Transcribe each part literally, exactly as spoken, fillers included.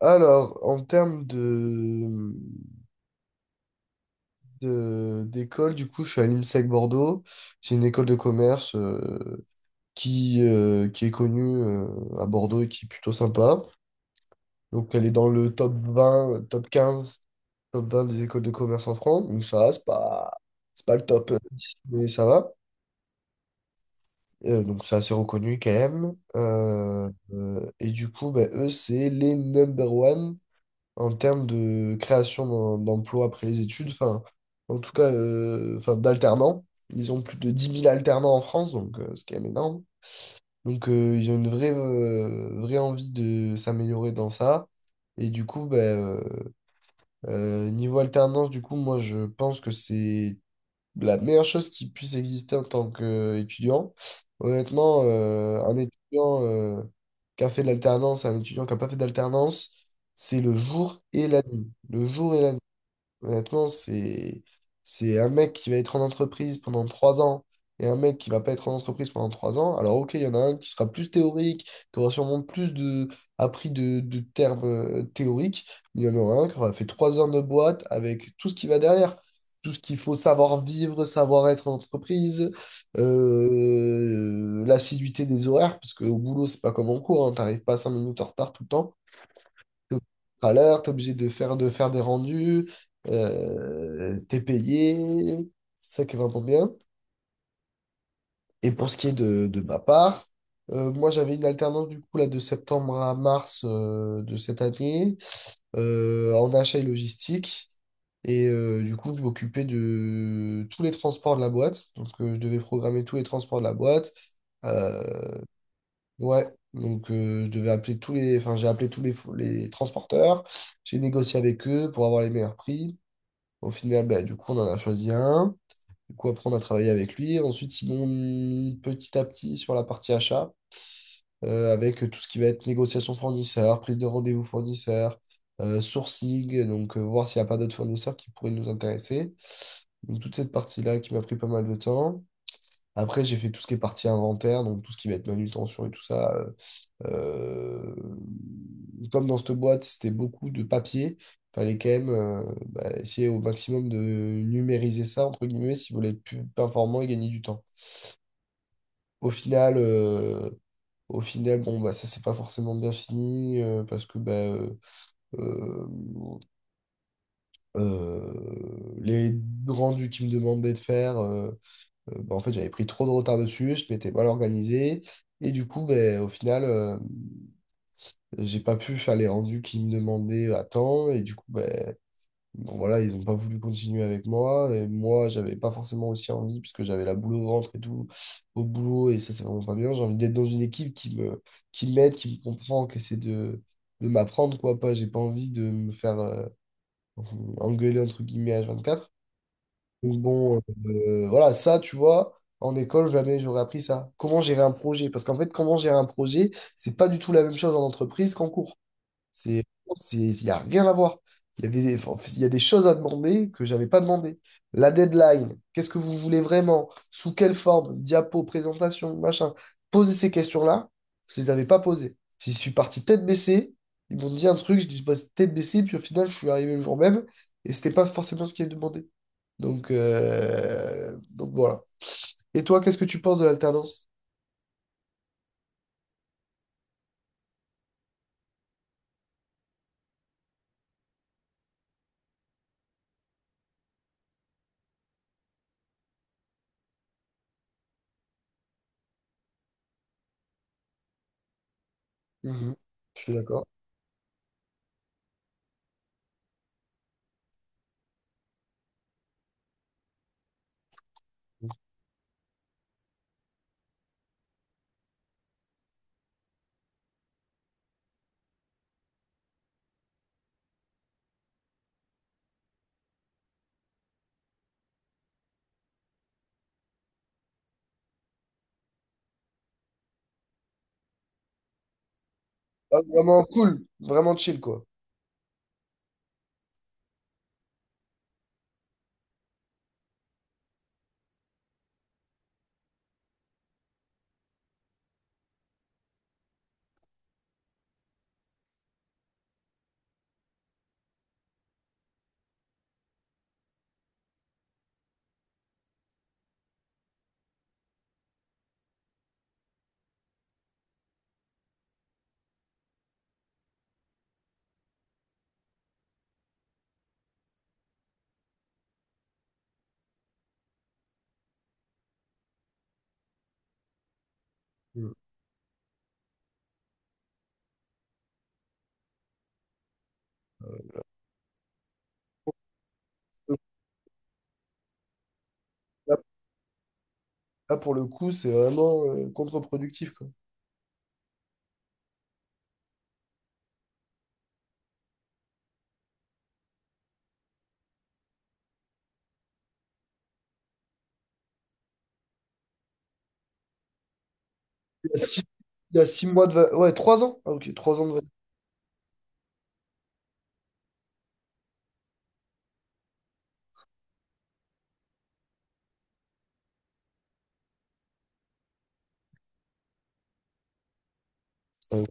Alors, en termes de, de- d'école, du coup, je suis à l'INSEC Bordeaux. C'est une école de commerce, euh, qui, euh, qui est connue, euh, à Bordeaux et qui est plutôt sympa. Donc, elle est dans le top vingt, top quinze, top vingt des écoles de commerce en France. Donc, ça va, c'est pas, c'est pas le top dix, mais ça va. Euh, donc, c'est assez reconnu quand même. Euh, euh, et du coup, ben, eux, c'est les number one en termes de création d'em- d'emplois après les études, enfin, en tout cas, euh, enfin, d'alternants. Ils ont plus de dix mille alternants en France, donc euh, c'est quand même énorme. Donc, euh, ils ont une vraie, euh, vraie envie de s'améliorer dans ça. Et du coup, ben, euh, euh, niveau alternance, du coup, moi, je pense que c'est la meilleure chose qui puisse exister en tant qu'étudiant. Honnêtement, euh, un étudiant, euh, qui a fait de l'alternance, un étudiant qui n'a pas fait d'alternance, c'est le jour et la nuit. Le jour et la nuit. Honnêtement, c'est, c'est un mec qui va être en entreprise pendant trois ans et un mec qui va pas être en entreprise pendant trois ans. Alors, ok, il y en a un qui sera plus théorique, qui aura sûrement plus de, appris de, de termes, euh, théoriques, mais il y en aura un qui aura fait trois heures de boîte avec tout ce qui va derrière. Tout ce qu'il faut savoir vivre, savoir être en entreprise, euh, l'assiduité des horaires, parce qu'au boulot, c'est pas comme en cours, hein, t'arrives pas cinq minutes en retard tout le temps. T'es à l'heure, t'es obligé de faire, de faire des rendus, euh, t'es payé, c'est ça qui est vraiment bien. Et pour ce qui est de, de ma part, euh, moi j'avais une alternance du coup là de septembre à mars, euh, de cette année, euh, en achat et logistique. Et euh, du coup, je m'occupais de tous les transports de la boîte. Donc, euh, je devais programmer tous les transports de la boîte. Euh, Ouais, donc euh, je devais appeler tous les, enfin j'ai appelé tous les, fou- les transporteurs, j'ai négocié avec eux pour avoir les meilleurs prix. Au final, bah, du coup, on en a choisi un. Du coup, après, on a travaillé avec lui. Ensuite, ils m'ont mis petit à petit sur la partie achat, euh, avec tout ce qui va être négociation fournisseur, prise de rendez-vous fournisseur, euh, sourcing, donc euh, voir s'il n'y a pas d'autres fournisseurs qui pourraient nous intéresser. Donc, toute cette partie-là qui m'a pris pas mal de temps. Après, j'ai fait tout ce qui est partie inventaire, donc tout ce qui va être manutention et tout ça. euh, euh, Comme dans cette boîte, c'était beaucoup de papier, fallait quand même, euh, bah, essayer au maximum de numériser ça, entre guillemets, si vous voulez être plus performant et gagner du temps. Au final, euh, au final bon, bah, ça, c'est pas forcément bien fini, euh, parce que bah, euh, euh, euh, les rendus qu'ils me demandaient de faire, euh, euh, bah, en fait, j'avais pris trop de retard dessus, je m'étais mal organisé, et du coup, bah, au final, euh, j'ai pas pu faire les rendus qu'ils me demandaient à temps, et du coup, ben, bon, voilà, ils ont pas voulu continuer avec moi, et moi, j'avais pas forcément aussi envie, parce que j'avais la boule au ventre et tout, au boulot, et ça, c'est vraiment pas bien. J'ai envie d'être dans une équipe, qui me, qui m'aide, qui me comprend, qui essaie de, de m'apprendre, quoi, pas, j'ai pas envie de me faire, euh, engueuler, entre guillemets, h quatre. Donc bon, euh, voilà, ça, tu vois, en école, jamais j'aurais appris ça. Comment gérer un projet? Parce qu'en fait, comment gérer un projet, c'est pas du tout la même chose en entreprise qu'en cours. C'est, c'est, il n'y a rien à voir. Il y a des, enfin, il y a des choses à demander que j'avais pas demandé. La deadline, qu'est-ce que vous voulez vraiment? Sous quelle forme? Diapo, présentation, machin. Poser ces questions-là, je les avais pas posées. J'y suis parti tête baissée. Ils m'ont dit un truc, je dis bah, tête baissée, puis au final, je suis arrivé le jour même et c'était pas forcément ce qui est demandé. Donc, euh, donc voilà. Et toi, qu'est-ce que tu penses de l'alternance? Mhm. Je suis d'accord. Ah, vraiment cool, vraiment chill, quoi. Mhm. Là, pour le coup, c'est vraiment, euh, contre-productif, quoi. Il y a six, il y a six mois de... va- Ouais, trois ans. Ah, ok, trois ans de... va- Euh,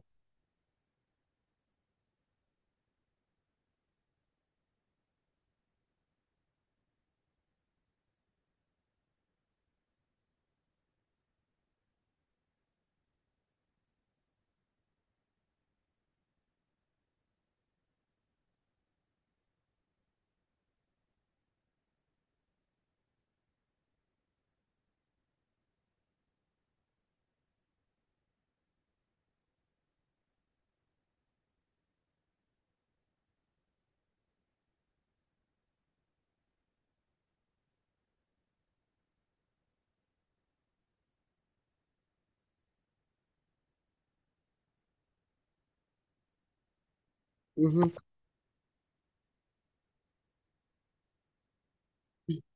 mhm.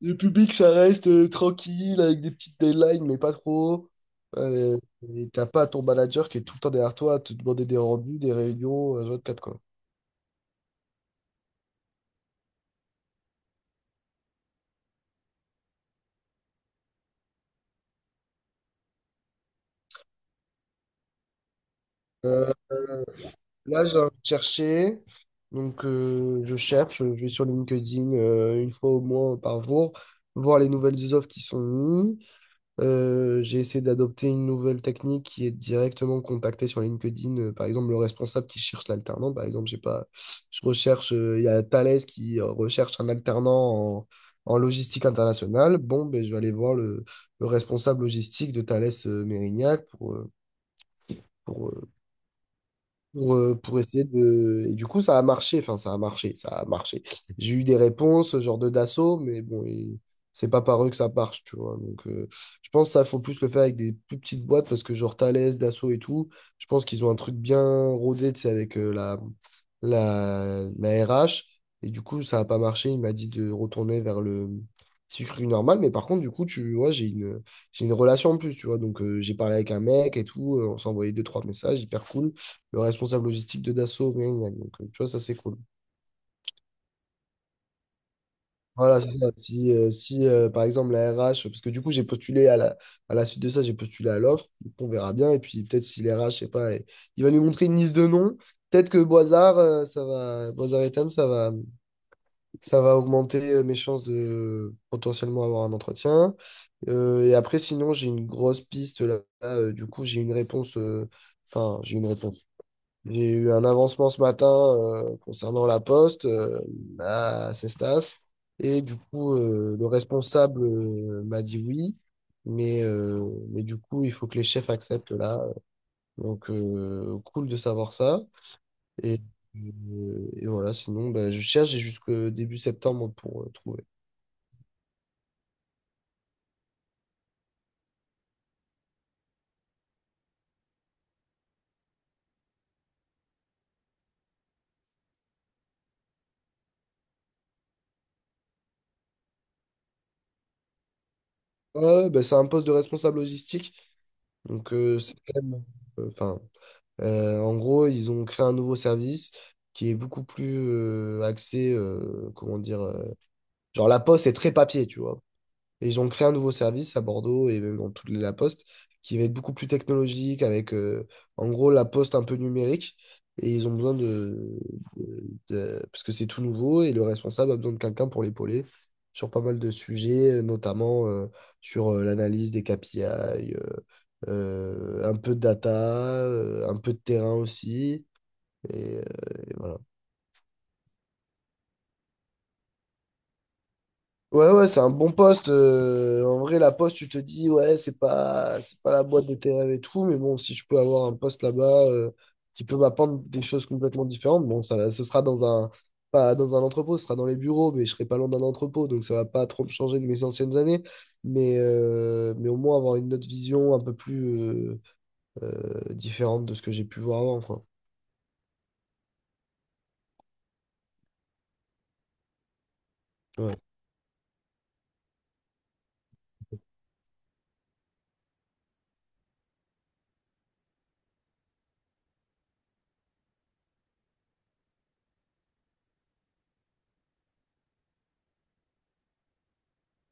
Le public, ça reste, euh, tranquille, avec des petites deadlines, mais pas trop. Euh, et t'as pas ton manager qui est tout le temps derrière toi à te demander des rendus, des réunions, euh, vingt-quatre, quoi. Euh, Là, j'ai envie de chercher. Donc, euh, je cherche, je vais sur LinkedIn, euh, une fois au moins par jour, voir les nouvelles offres qui sont mises. Euh, j'ai essayé d'adopter une nouvelle technique qui est directement contacter sur LinkedIn, euh, par exemple, le responsable qui cherche l'alternant. Par exemple, j'ai pas, je recherche, euh, il y a Thales qui, euh, recherche un alternant en, en logistique internationale. Bon, ben, je vais aller voir le, le responsable logistique de Thales, euh, Mérignac, pour, euh, pour, euh, pour, euh, pour essayer de. Et du coup, ça a marché, enfin, ça a marché, ça a marché. J'ai eu des réponses, genre de Dassault, mais bon, et c'est pas par eux que ça marche, tu vois. Donc, euh, je pense que ça, faut plus le faire avec des plus petites boîtes, parce que genre Thales, Dassault et tout, je pense qu'ils ont un truc bien rodé, tu sais, avec, euh, la, la, la R H. Et du coup, ça a pas marché, il m'a dit de retourner vers le sucre normal, mais par contre, du coup, tu vois, j'ai une, j'ai une relation en plus, tu vois. Donc, euh, j'ai parlé avec un mec et tout, euh, on s'envoyait deux, trois messages, hyper cool le responsable logistique de Dassault. Gna, gna, gna. Donc, euh, tu vois, ça, c'est cool. Voilà, c'est ça. Si, euh, si euh, par exemple, la R H, parce que du coup, j'ai postulé à la, à la, suite de ça, j'ai postulé à l'offre. Donc, on verra bien. Et puis, peut-être si les R H, je sais pas, et- il va nous montrer une liste de noms. Peut-être que Boisard, euh, ça va, Boisard Ethan, ça va, ça va augmenter, euh, mes chances de potentiellement avoir un entretien. Euh, et après, sinon, j'ai une grosse piste là. Là, euh, du coup, j'ai une réponse. euh, Enfin, j'ai une réponse. J'ai eu un avancement ce matin, euh, concernant la poste, euh, à Cestas. Et du coup, euh, le responsable, euh, m'a dit oui. Mais, euh, mais du coup, il faut que les chefs acceptent là. Donc, euh, cool de savoir ça. Et, euh, et voilà, sinon, bah, je cherche et jusqu'au début septembre pour, euh, trouver. Ouais, bah, c'est un poste de responsable logistique. Donc, euh, c'est quand même. euh, Enfin. Euh, en gros, ils ont créé un nouveau service qui est beaucoup plus, euh, axé, euh, comment dire, euh, genre la poste est très papier, tu vois. Et ils ont créé un nouveau service à Bordeaux et même dans toute la Poste qui va être beaucoup plus technologique avec, euh, en gros la Poste un peu numérique. Et ils ont besoin de, de- de- parce que c'est tout nouveau et le responsable a besoin de quelqu'un pour l'épauler sur pas mal de sujets, euh, notamment, euh, sur, euh, l'analyse des K P I, euh, euh, un peu de data, euh, un peu de terrain aussi. et euh, et voilà. Ouais, ouais, c'est un bon poste. Euh, en vrai, la poste, tu te dis, ouais, c'est pas, c'est pas la boîte de tes rêves et tout, mais bon, si je peux avoir un poste là-bas, euh, qui peut m'apprendre des choses complètement différentes, bon, ça, ce sera dans un, pas dans un entrepôt, ce sera dans les bureaux, mais je serai pas loin d'un entrepôt, donc ça va pas trop me changer de mes anciennes années, mais, euh, mais au moins avoir une autre vision un peu plus, euh, euh, différente de ce que j'ai pu voir avant, quoi. Ouais.